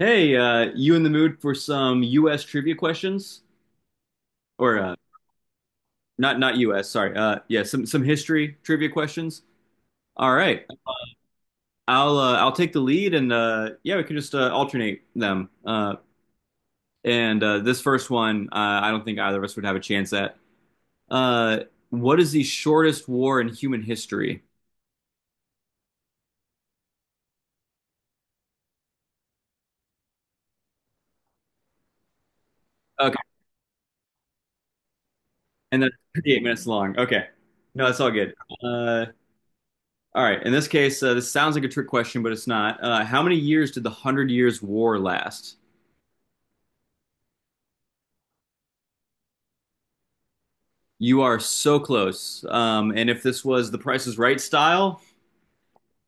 Hey, you in the mood for some U.S. trivia questions? Or not not U.S. Sorry. Yeah, some history trivia questions. All right, I'll take the lead, and yeah, we can just alternate them. And This first one, I don't think either of us would have a chance at. Uh, what is the shortest war in human history? Okay, and that's 38 minutes long. Okay, no, that's all good. Uh, all right, in this case, this sounds like a trick question, but it's not. How many years did the Hundred Years' War last? You are so close. And if this was the Price is Right style,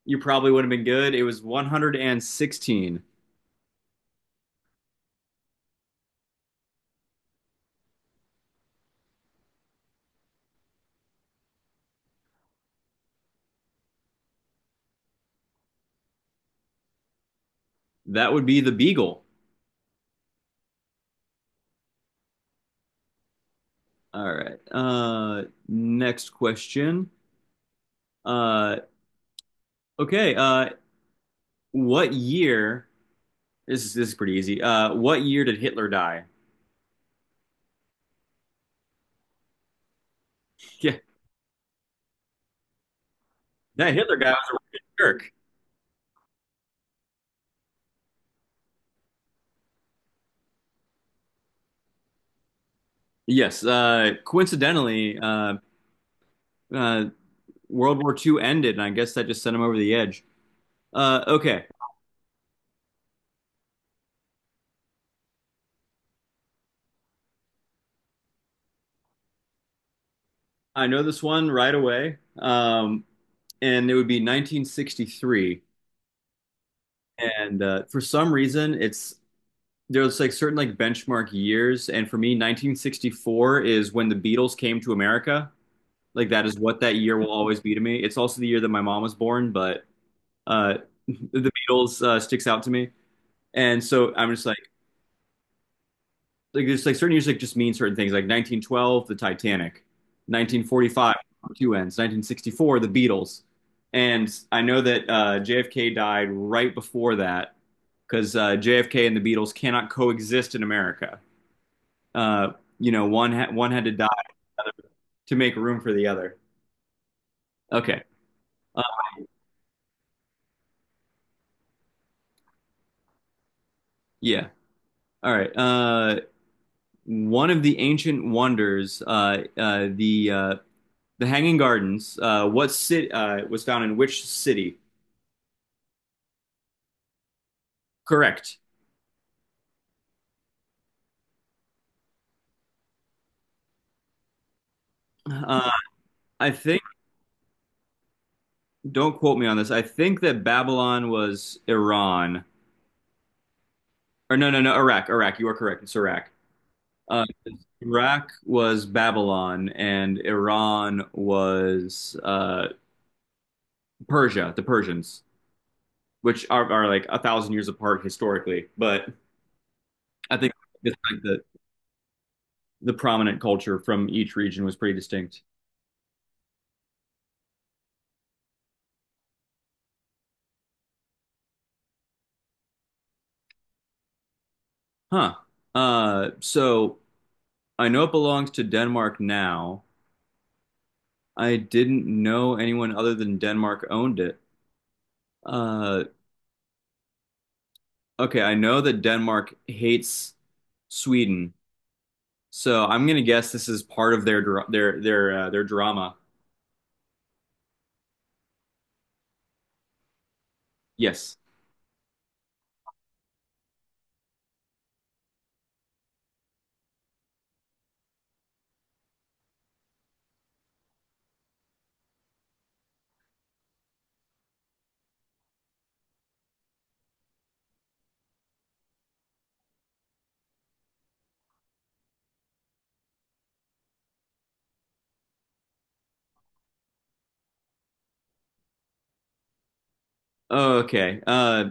you probably would have been good. It was 116. That would be the Beagle. All right. Next question. Uh, okay. Uh, what year? This is pretty easy. What year did Hitler die? Yeah, that Hitler guy was a real jerk. Yes. Coincidentally, uh, World War Two ended, and I guess that just sent him over the edge. Okay. I know this one right away. And it would be 1963. And for some reason, it's there's like certain like benchmark years. And for me, 1964 is when the Beatles came to America. Like that is what that year will always be to me. It's also the year that my mom was born, but uh, the Beatles sticks out to me. And so I'm just like. Like there's like certain music just means certain things. Like 1912, the Titanic, 1945, two ends, 1964, the Beatles. And I know that JFK died right before that because JFK and the Beatles cannot coexist in America. Uh, you know, one had to die to make room for the other. Okay. Uh, yeah. All right. One of the ancient wonders, the Hanging Gardens. What city was found in which city? Correct. Uh, I think, don't quote me on this. I think that Babylon was Iran. Or no, no, no, Iraq, Iraq. You are correct. It's Iraq. Uh, Iraq was Babylon, and Iran was Persia, the Persians, which are like a thousand years apart historically. But I think it's like the prominent culture from each region was pretty distinct. Huh. So I know it belongs to Denmark now. I didn't know anyone other than Denmark owned it. Uh, okay, I know that Denmark hates Sweden, so I'm gonna guess this is part of their their drama. Yes. Oh, okay.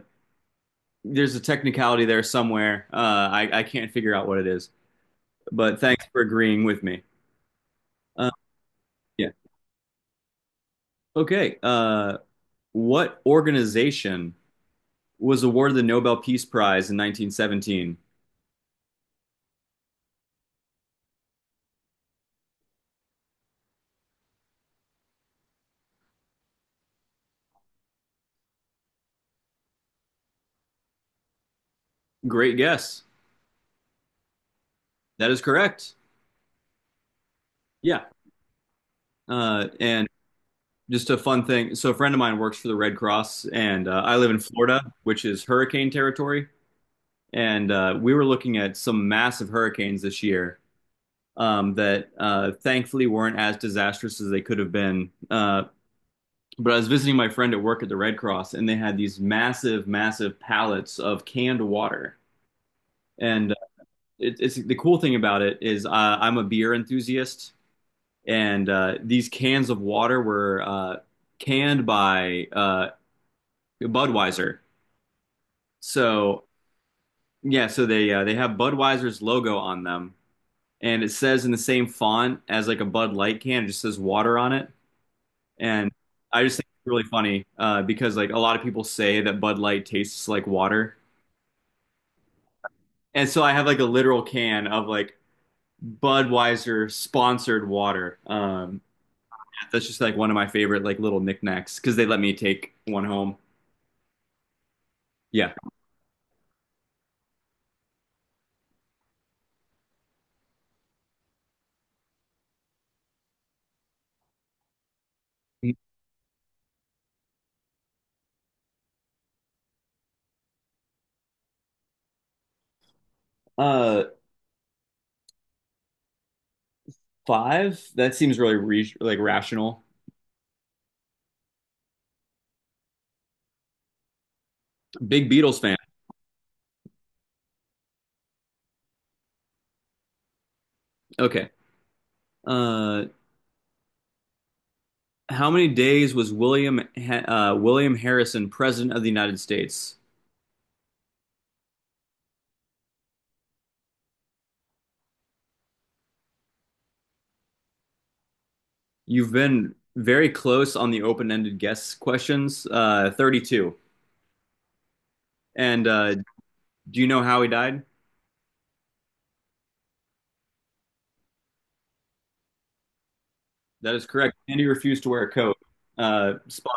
There's a technicality there somewhere. I can't figure out what it is, but thanks for agreeing with me. Uh, yeah. Okay. What organization was awarded the Nobel Peace Prize in 1917? Great guess. That is correct. Yeah. And just a fun thing. So a friend of mine works for the Red Cross, and I live in Florida, which is hurricane territory. And we were looking at some massive hurricanes this year that thankfully weren't as disastrous as they could have been. But I was visiting my friend at work at the Red Cross, and they had these massive, massive pallets of canned water. And uh, it's the cool thing about it is I'm a beer enthusiast, and these cans of water were canned by Budweiser. So yeah, so they have Budweiser's logo on them, and it says in the same font as like a Bud Light can. It just says water on it, and I just think it's really funny because like a lot of people say that Bud Light tastes like water, and so I have like a literal can of like Budweiser sponsored water. That's just like one of my favorite like little knickknacks because they let me take one home. Yeah, uh, five. That seems really re like rational. Big Beatles fan. Okay. Uh, how many days was William William Harrison president of the United States? You've been very close on the open-ended guess questions. 32. And do you know how he died? That is correct. Andy refused to wear a coat. Spot.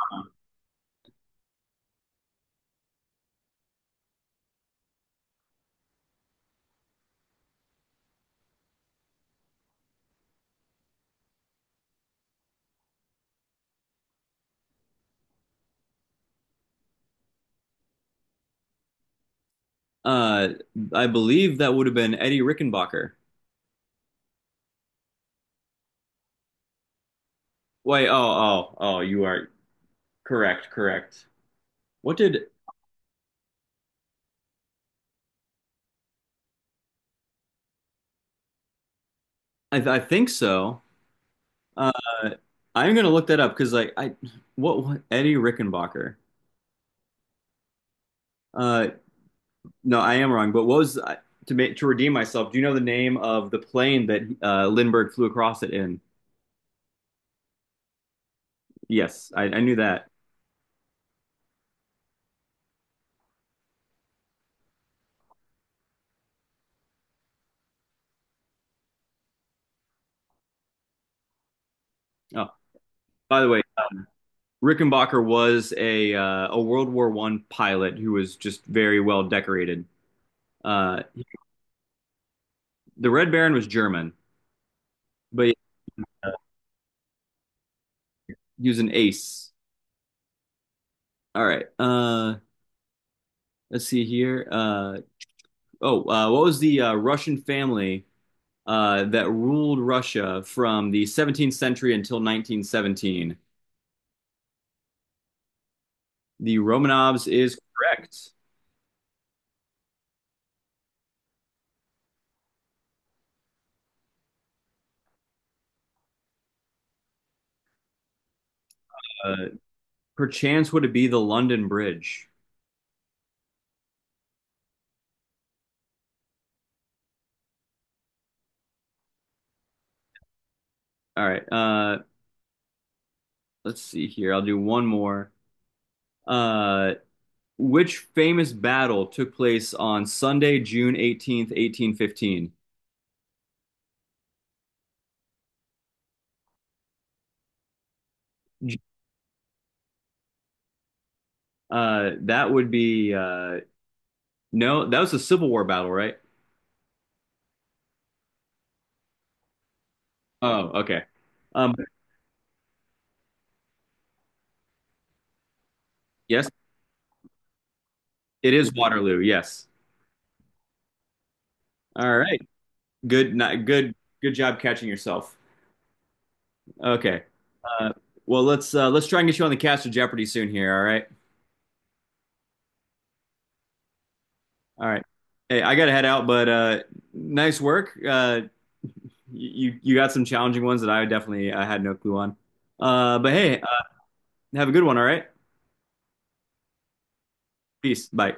Uh, I believe that would have been Eddie Rickenbacker. Wait, oh, oh, oh, you are correct, correct. What did I think so? Uh, I'm gonna look that up because what Eddie Rickenbacker? Uh, No, I am wrong. But what was to redeem myself? Do you know the name of the plane that Lindbergh flew across it in? Yes, I knew that. Oh, by the way, Rickenbacker was a World War One pilot who was just very well decorated. Uh, the Red Baron was German, but uh, he was an ace. All right. Let's see here. Oh, what was the Russian family that ruled Russia from the 17th century until 1917? The Romanovs is correct. Uh, Perchance would it be the London Bridge? All right. Let's see here. I'll do one more. Uh, which famous battle took place on Sunday, June 18th, 1815? That would be no, that was a Civil War battle, right? Oh, okay. Um, yes, it is Waterloo. Yes. All right. Good. Not good. Good job catching yourself. Okay. Uh, well, let's try and get you on the cast of Jeopardy soon here. All right. All right. Hey, I gotta head out, but nice work. You got some challenging ones that I definitely I had no clue on. But hey, have a good one. All right. Peace. Bye.